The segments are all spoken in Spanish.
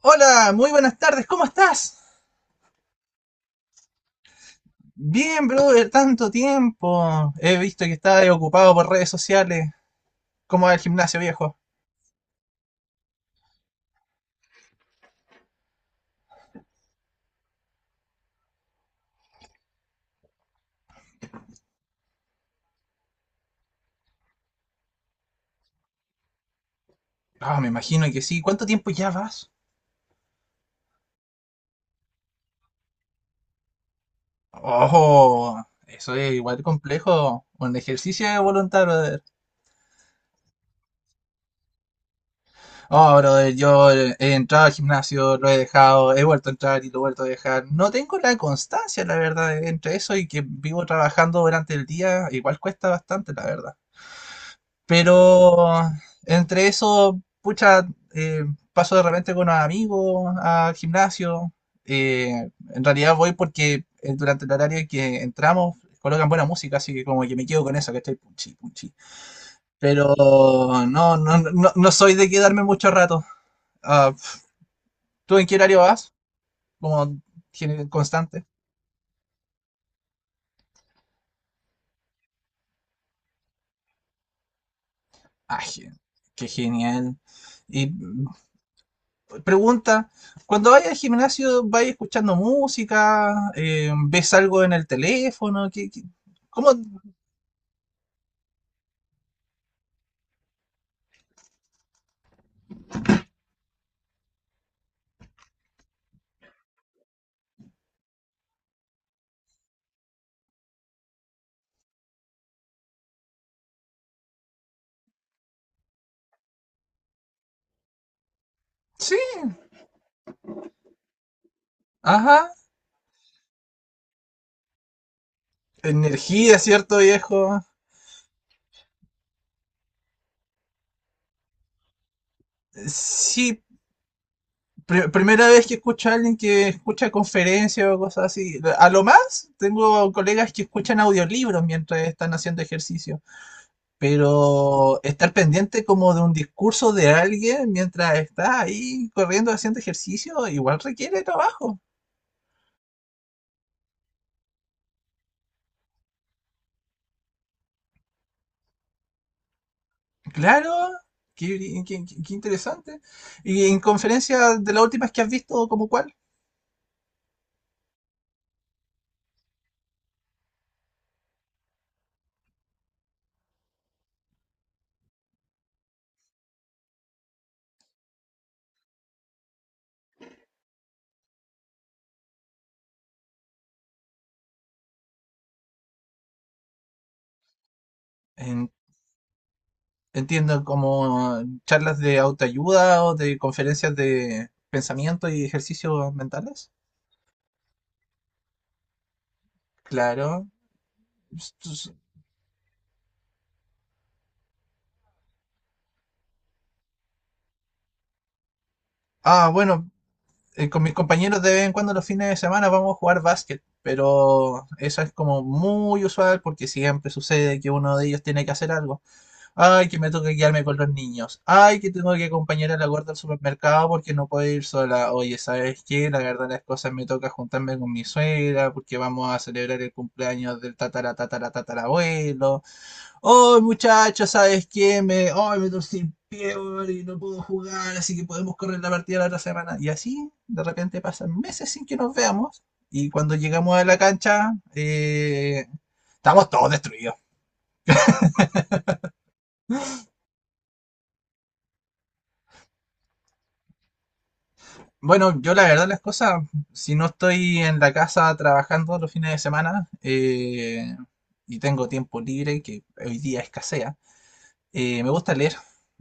Hola, muy buenas tardes, ¿cómo estás? Bien, brother, tanto tiempo. He visto que estás ocupado por redes sociales. ¿Cómo va el gimnasio, viejo? Ah, me imagino que sí. ¿Cuánto tiempo ya vas? Oh, eso es igual complejo. Un ejercicio de voluntad, brother. Oh, brother, yo he entrado al gimnasio, lo he dejado, he vuelto a entrar y lo he vuelto a dejar. No tengo la constancia, la verdad, entre eso y que vivo trabajando durante el día, igual cuesta bastante, la verdad. Pero entre eso, pucha, eh, paso de repente con los amigos al gimnasio. En realidad voy porque durante el horario en que entramos colocan buena música, así que como que me quedo con eso, que estoy punchi, punchi. Pero no, no, no, no soy de quedarme mucho rato. Ah, pf, ¿tú en qué horario vas? Como constante. Ah, gen- qué genial. Y pregunta, cuando vayas al gimnasio, ¿vayas escuchando música? ¿Ves algo en el teléfono? ¿Qué, qué? Cómo Sí, ajá. Energía, ¿cierto, viejo? Sí, primera vez que escucho a alguien que escucha conferencias o cosas así. A lo más, tengo colegas que escuchan audiolibros mientras están haciendo ejercicio. Pero estar pendiente como de un discurso de alguien mientras está ahí corriendo haciendo ejercicio, igual requiere trabajo. Claro, qué interesante. ¿Y en conferencias de las últimas que has visto, como cuál? En- entiendo como charlas de autoayuda o de conferencias de pensamiento y ejercicios mentales. Claro. S- s- Ah, bueno, con mis compañeros de vez en cuando los fines de semana vamos a jugar básquet, pero eso es como muy usual porque siempre sucede que uno de ellos tiene que hacer algo. Ay, que me toca quedarme con los niños. Ay, que tengo que acompañar a la gorda al supermercado porque no puedo ir sola. Oye, ¿sabes qué? La verdad las cosas me toca juntarme con mi suegra porque vamos a celebrar el cumpleaños del tatara tatara tatara. Oh, muchachos, ¿sabes qué? Me, oh, me torcí el pie, weón, y no puedo jugar, así que podemos correr la partida la otra semana. Y así, de repente pasan meses sin que nos veamos. Y cuando llegamos a la cancha, estamos todos destruidos. Bueno, yo la verdad las cosas, si no estoy en la casa trabajando los fines de semana y tengo tiempo libre, que hoy día escasea, me gusta leer,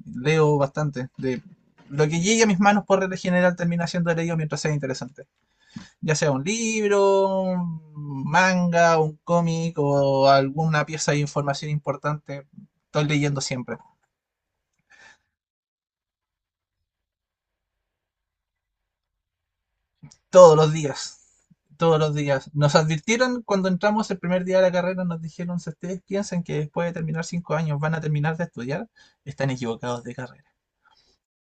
leo bastante. De lo que llegue a mis manos por regla general termina siendo leído mientras sea interesante. Ya sea un libro, un manga, un cómic o alguna pieza de información importante. Estoy leyendo siempre, todos los días. Todos los días. Nos advirtieron cuando entramos el primer día de la carrera, nos dijeron, si ustedes piensan que después de terminar 5 años van a terminar de estudiar, están equivocados de carrera.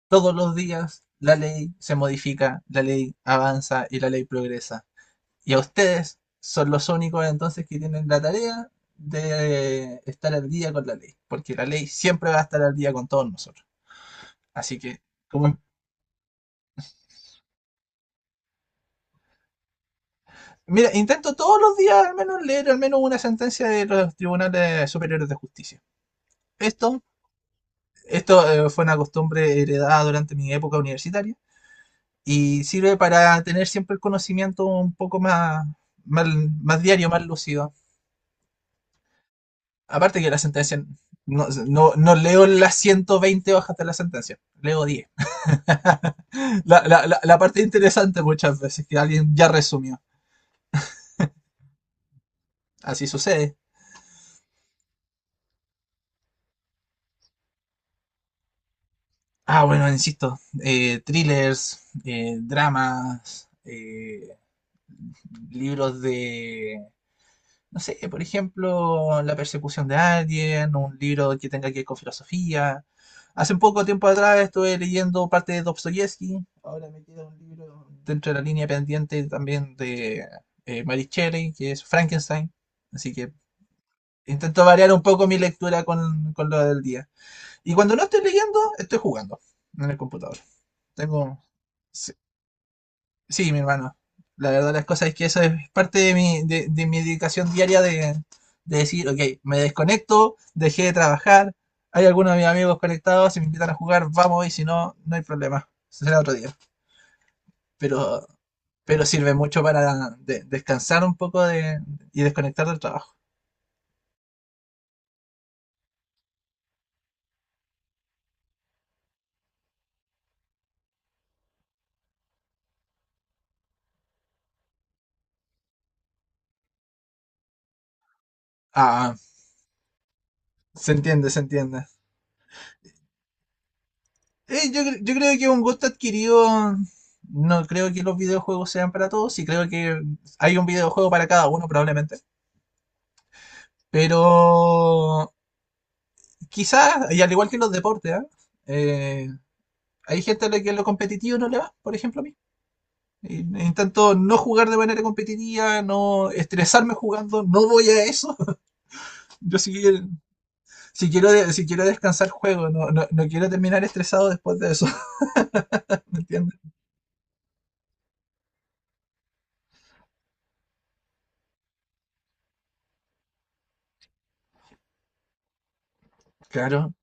Todos los días la ley se modifica, la ley avanza y la ley progresa. Y a ustedes son los únicos entonces que tienen la tarea de estar al día con la ley, porque la ley siempre va a estar al día con todos nosotros. Así que, como, mira, intento todos los días al menos leer al menos una sentencia de los tribunales superiores de justicia. Esto, esto, fue una costumbre heredada durante mi época universitaria y sirve para tener siempre el conocimiento un poco más, más, más diario, más lúcido. Aparte que la sentencia, no, no, no leo las 120 hojas de la sentencia, leo diez. La parte interesante muchas veces, que alguien ya resumió. Así sucede. Ah, bueno, insisto, thrillers, dramas, libros de no sé, por ejemplo, la persecución de alguien, un libro que tenga que ver con filosofía. Hace un poco tiempo atrás estuve leyendo parte de Dostoyevsky, ahora me queda un libro dentro de la línea pendiente también de Mary Shelley, que es Frankenstein, así que intento variar un poco mi lectura con lo del día. Y cuando no estoy leyendo, estoy jugando en el computador. Tengo sí, sí, mi hermano. La verdad, las cosas es que eso es parte de mi dedicación diaria de decir, ok, me desconecto, dejé de trabajar, hay algunos de mis amigos conectados, si me invitan a jugar, vamos y si no, no hay problema, será otro día. Pero, pero sirve mucho para descansar un poco de, y desconectar del trabajo. Ah, se entiende, se entiende. Yo, yo creo que un gusto adquirido, no creo que los videojuegos sean para todos y creo que hay un videojuego para cada uno probablemente. Pero quizás, y al igual que en los deportes, ¿ah? Eh, hay gente a la que lo competitivo no le va, por ejemplo a mí. Y- Intento no jugar de manera competitiva, no estresarme jugando, no voy a eso. Yo sí, que- si quiero, si quiero descansar, juego, no, no, no quiero terminar estresado después de eso. ¿Me entiendes? Claro,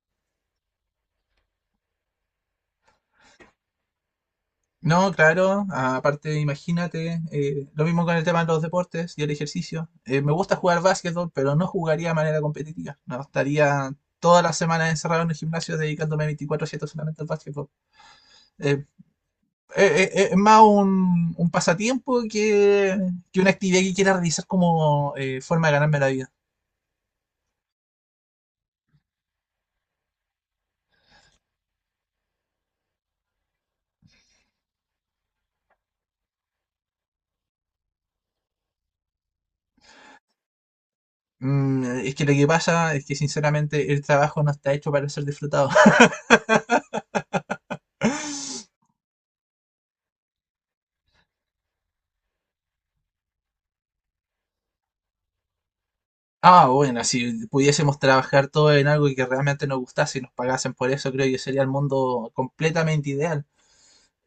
no, claro, aparte imagínate, lo mismo con el tema de los deportes y el ejercicio. Me gusta jugar básquetbol, pero no jugaría de manera competitiva. No estaría todas las semanas encerrado en el gimnasio dedicándome 24/7 solamente al básquetbol. Eh, es más un pasatiempo que una actividad que quiera realizar como forma de ganarme la vida. Mm, es que lo que pasa es que sinceramente el trabajo no está hecho para ser disfrutado. Ah, bueno, si pudiésemos trabajar todo en algo que realmente nos gustase y nos pagasen por eso, creo que sería el mundo completamente ideal.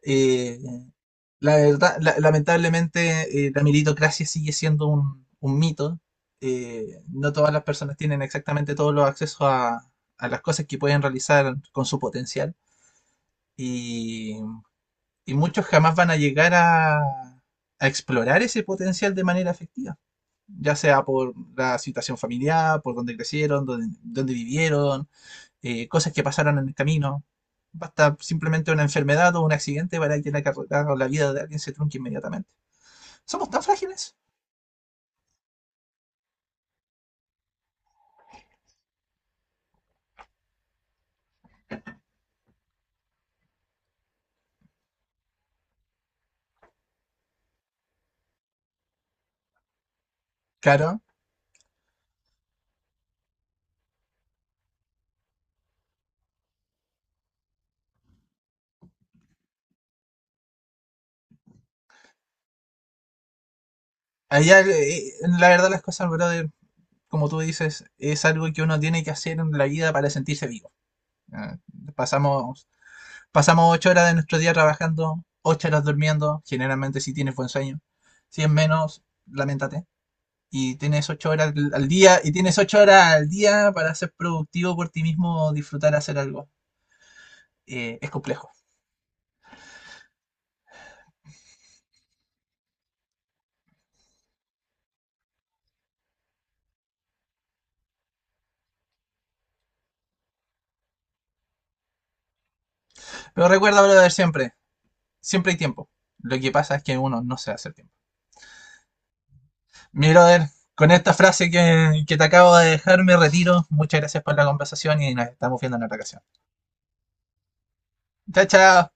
Eh, la verdad, lamentablemente, la meritocracia sigue siendo un mito. No todas las personas tienen exactamente todos los accesos a las cosas que pueden realizar con su potencial. Y, y muchos jamás van a llegar a explorar ese potencial de manera efectiva ya sea por la situación familiar, por dónde crecieron, dónde, dónde vivieron, cosas que pasaron en el camino. Basta simplemente una enfermedad o un accidente para que la carrera o la vida de alguien se trunque inmediatamente. ¿Somos tan frágiles? Claro. Allá, la verdad, las cosas, brother, como tú dices, es algo que uno tiene que hacer en la vida para sentirse vivo. Eh, pasamos, pasamos 8 horas de nuestro día trabajando, 8 horas durmiendo, generalmente si tienes buen sueño. Si es menos, lamentate. Y tienes 8 horas día y tienes ocho horas al día para ser productivo por ti mismo disfrutar hacer algo. Es complejo. Pero recuerda, brother, siempre, siempre hay tiempo. Lo que pasa es que uno no se hace tiempo. Mi brother, con esta frase que te acabo de dejar, me retiro. Muchas gracias por la conversación y nos estamos viendo en otra ocasión. Chao, chao.